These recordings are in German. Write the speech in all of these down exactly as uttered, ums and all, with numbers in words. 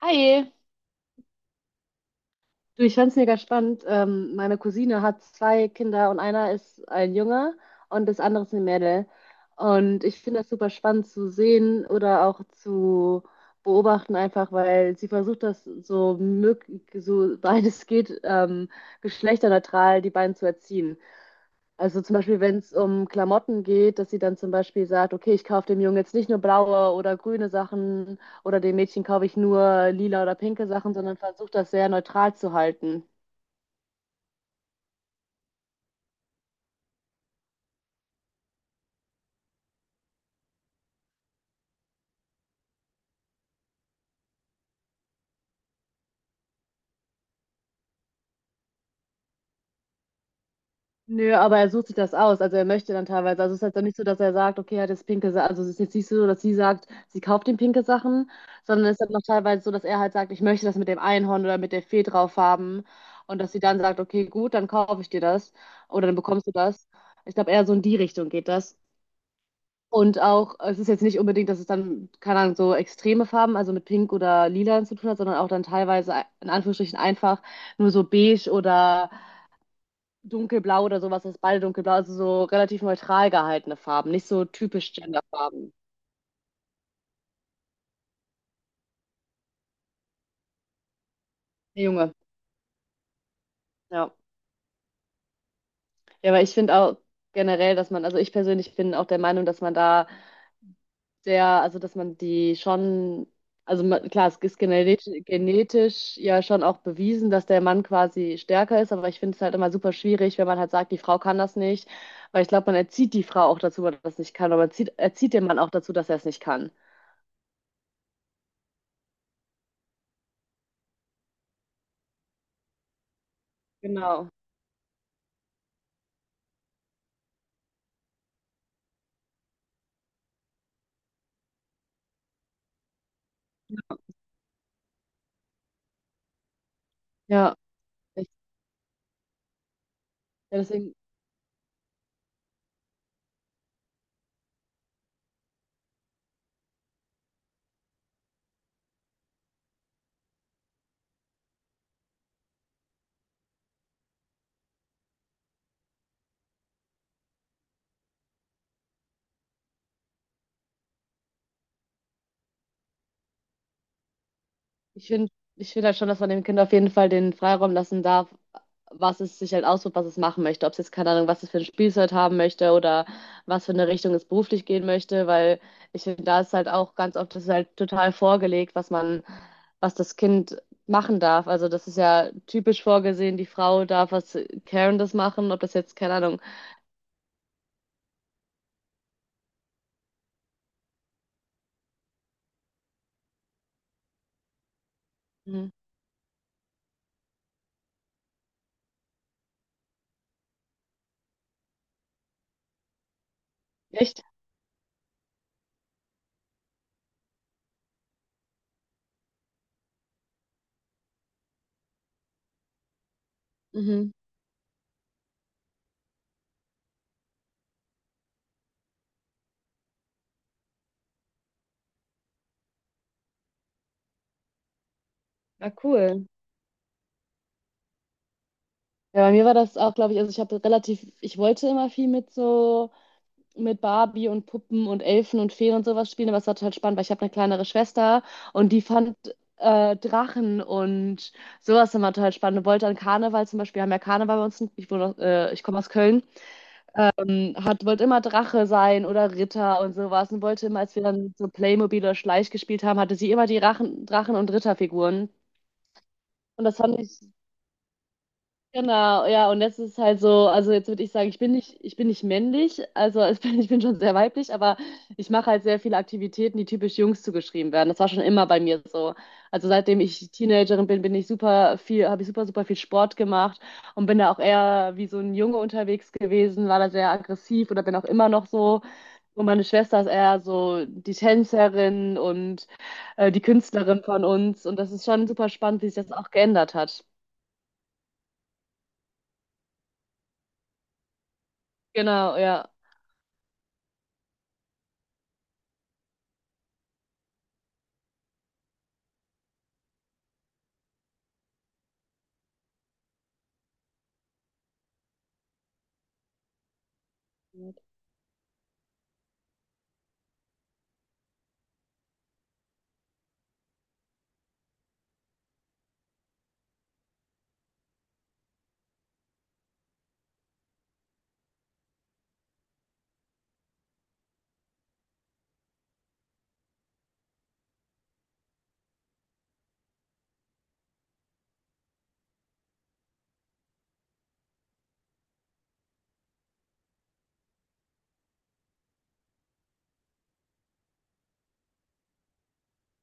Hi, du, ich fand's mega spannend. Ähm, meine Cousine hat zwei Kinder und einer ist ein Junge und das andere ist eine Mädel. Und ich finde das super spannend zu sehen oder auch zu beobachten, einfach weil sie versucht, das so möglich, so weit es geht, ähm, geschlechterneutral die beiden zu erziehen. Also zum Beispiel, wenn es um Klamotten geht, dass sie dann zum Beispiel sagt, okay, ich kaufe dem Jungen jetzt nicht nur blaue oder grüne Sachen oder dem Mädchen kaufe ich nur lila oder pinke Sachen, sondern versucht das sehr neutral zu halten. Nö, aber er sucht sich das aus, also er möchte dann teilweise, also es ist halt auch nicht so, dass er sagt, okay, er hat jetzt pinke Sachen, also es ist jetzt nicht so, dass sie sagt, sie kauft ihm pinke Sachen, sondern es ist dann noch teilweise so, dass er halt sagt, ich möchte das mit dem Einhorn oder mit der Fee drauf haben und dass sie dann sagt, okay, gut, dann kaufe ich dir das oder dann bekommst du das. Ich glaube, eher so in die Richtung geht das. Und auch, es ist jetzt nicht unbedingt, dass es dann, keine Ahnung, so extreme Farben, also mit Pink oder Lila zu tun hat, sondern auch dann teilweise in Anführungsstrichen einfach nur so beige oder dunkelblau oder sowas, das ist beide dunkelblau, also so relativ neutral gehaltene Farben, nicht so typisch Genderfarben. Der Junge, ja. Ja, aber ich finde auch generell, dass man, also ich persönlich bin auch der Meinung, dass man da der also dass man die schon, also man, klar, es ist genetisch, genetisch ja schon auch bewiesen, dass der Mann quasi stärker ist, aber ich finde es halt immer super schwierig, wenn man halt sagt, die Frau kann das nicht, weil ich glaube, man erzieht die Frau auch dazu, dass das nicht kann, aber man erzieht, erzieht den Mann auch dazu, dass er es nicht kann. Genau. Ja, ich, ja, deswegen. Ich finde, ich finde halt schon, dass man dem Kind auf jeden Fall den Freiraum lassen darf, was es sich halt aussucht, was es machen möchte. Ob es jetzt, keine Ahnung, was es für ein Spielzeug haben möchte oder was für eine Richtung es beruflich gehen möchte, weil ich finde, da ist halt auch ganz oft, das ist halt total vorgelegt, was man, was das Kind machen darf. Also das ist ja typisch vorgesehen, die Frau darf was Carendes machen, ob das jetzt, keine Ahnung. Mhm. Echt? Mhm. Na cool. Ja, bei mir war das auch, glaube ich, also ich habe relativ, ich wollte immer viel mit so mit Barbie und Puppen und Elfen und Feen und sowas spielen, aber es war total spannend, weil ich habe eine kleinere Schwester und die fand äh, Drachen und sowas immer total spannend. Und wollte an Karneval zum Beispiel, wir haben ja Karneval bei uns, ich, wohne, äh, ich komme aus Köln, ähm, hat, wollte immer Drache sein oder Ritter und sowas und wollte immer, als wir dann so Playmobil oder Schleich gespielt haben, hatte sie immer die Rachen, Drachen- und Ritterfiguren. Und das fand ich Genau, ja, und das ist halt so, also jetzt würde ich sagen, ich bin nicht, ich bin nicht männlich, also ich bin, ich bin schon sehr weiblich, aber ich mache halt sehr viele Aktivitäten, die typisch Jungs zugeschrieben werden. Das war schon immer bei mir so. Also seitdem ich Teenagerin bin, bin ich super viel, habe ich super, super viel Sport gemacht und bin da auch eher wie so ein Junge unterwegs gewesen, war da sehr aggressiv oder bin auch immer noch so. Und meine Schwester ist eher so die Tänzerin und äh, die Künstlerin von uns. Und das ist schon super spannend, wie sich das auch geändert hat. Genau, ja.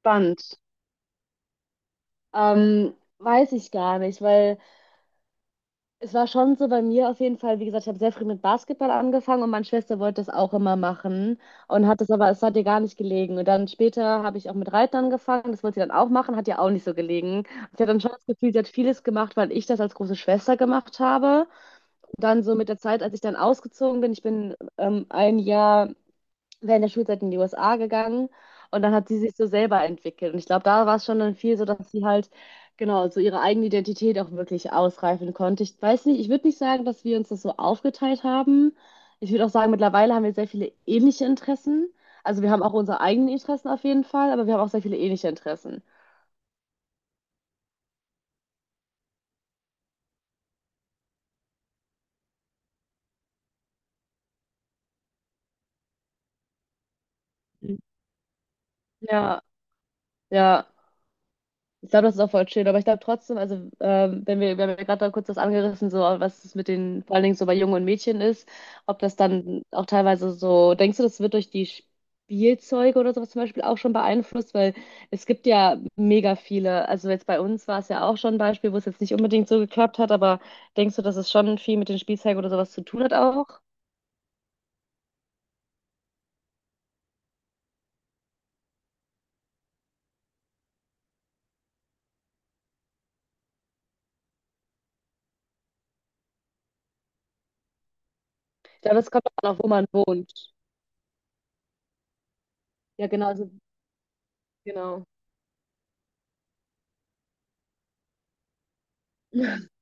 Spannend. Ähm, weiß ich gar nicht, weil es war schon so bei mir auf jeden Fall, wie gesagt, ich habe sehr früh mit Basketball angefangen und meine Schwester wollte das auch immer machen und hat das aber, es hat ihr gar nicht gelegen. Und dann später habe ich auch mit Reiten angefangen, das wollte sie dann auch machen, hat ihr auch nicht so gelegen. Ich hatte dann schon das Gefühl, sie hat vieles gemacht, weil ich das als große Schwester gemacht habe. Und dann so mit der Zeit, als ich dann ausgezogen bin, ich bin ähm, ein Jahr während der Schulzeit in die U S A gegangen und dann hat sie sich so selber entwickelt. Und ich glaube, da war es schon dann viel so, dass sie halt genau so ihre eigene Identität auch wirklich ausreifen konnte. Ich weiß nicht, ich würde nicht sagen, dass wir uns das so aufgeteilt haben. Ich würde auch sagen, mittlerweile haben wir sehr viele ähnliche Interessen. Also wir haben auch unsere eigenen Interessen auf jeden Fall, aber wir haben auch sehr viele ähnliche Interessen. Ja, ja. Ich glaube, das ist auch voll schön, aber ich glaube trotzdem, also ähm, wenn wir, wir haben ja gerade da kurz das angerissen, so was es mit den, vor allen Dingen so bei Jungen und Mädchen ist, ob das dann auch teilweise so, denkst du, das wird durch die Spielzeuge oder sowas zum Beispiel auch schon beeinflusst? Weil es gibt ja mega viele, also jetzt bei uns war es ja auch schon ein Beispiel, wo es jetzt nicht unbedingt so geklappt hat, aber denkst du, dass es schon viel mit den Spielzeugen oder sowas zu tun hat auch? Ich glaube, das kommt auch an, wo man wohnt. Ja, genau, also genau.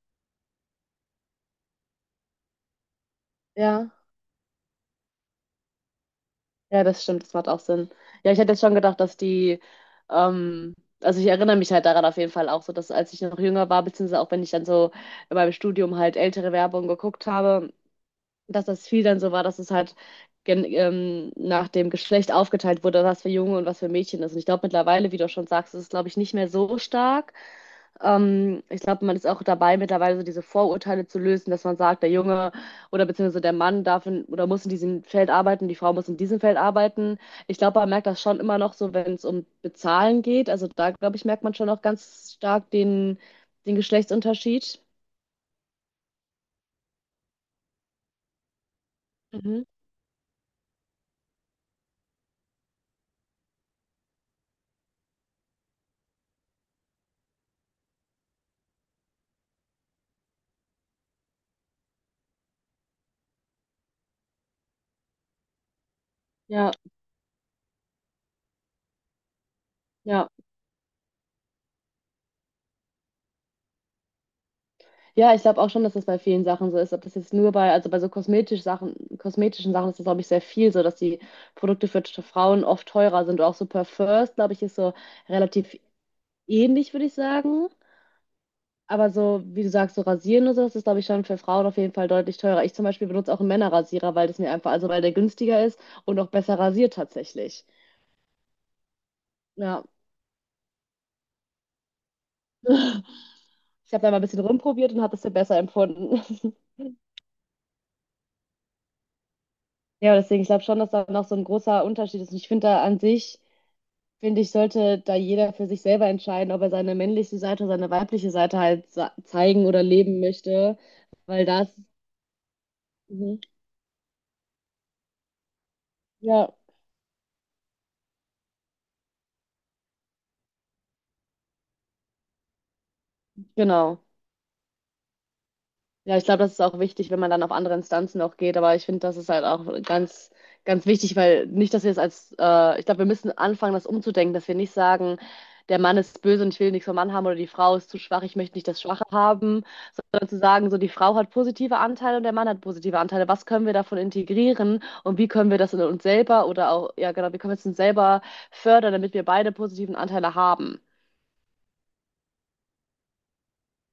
Ja. Ja, das stimmt, das macht auch Sinn. Ja, ich hätte jetzt schon gedacht, dass die, ähm, also ich erinnere mich halt daran auf jeden Fall auch so, dass als ich noch jünger war, beziehungsweise auch wenn ich dann so in meinem Studium halt ältere Werbung geguckt habe, dass das viel dann so war, dass es halt gen ähm, nach dem Geschlecht aufgeteilt wurde, was für Junge und was für Mädchen ist. Und ich glaube mittlerweile, wie du schon sagst, ist es, glaube ich, nicht mehr so stark. Ähm, ich glaube, man ist auch dabei, mittlerweile so diese Vorurteile zu lösen, dass man sagt, der Junge oder beziehungsweise der Mann darf in, oder muss in diesem Feld arbeiten, die Frau muss in diesem Feld arbeiten. Ich glaube, man merkt das schon immer noch so, wenn es um Bezahlen geht. Also da, glaube ich, merkt man schon auch ganz stark den, den Geschlechtsunterschied. Mhm. Ja, ja. Ja, ich glaube auch schon, dass das bei vielen Sachen so ist. Ob das jetzt nur bei, also bei so kosmetisch Sachen, kosmetischen Sachen ist das, glaube ich, sehr viel so, dass die Produkte für Frauen oft teurer sind. Auch so Parfums, glaube ich, ist so relativ ähnlich, würde ich sagen. Aber so, wie du sagst, so rasieren und so, das ist, glaube ich, schon für Frauen auf jeden Fall deutlich teurer. Ich zum Beispiel benutze auch einen Männerrasierer, weil das mir einfach, also weil der günstiger ist und auch besser rasiert tatsächlich. Ja. Ich habe da mal ein bisschen rumprobiert und habe das für besser empfunden. Ja, deswegen, ich glaube schon, dass da noch so ein großer Unterschied ist. Und ich finde da an sich, finde ich, sollte da jeder für sich selber entscheiden, ob er seine männliche Seite oder seine weibliche Seite halt sa- zeigen oder leben möchte. Weil das, mhm. Ja, genau. Ja, ich glaube, das ist auch wichtig, wenn man dann auf andere Instanzen auch geht. Aber ich finde, das ist halt auch ganz, ganz wichtig, weil nicht, dass wir es als, äh, ich glaube, wir müssen anfangen, das umzudenken, dass wir nicht sagen, der Mann ist böse und ich will nichts vom Mann haben oder die Frau ist zu schwach, ich möchte nicht das Schwache haben, sondern zu sagen, so die Frau hat positive Anteile und der Mann hat positive Anteile. Was können wir davon integrieren und wie können wir das in uns selber oder auch, ja genau, wie können wir es uns selber fördern, damit wir beide positiven Anteile haben?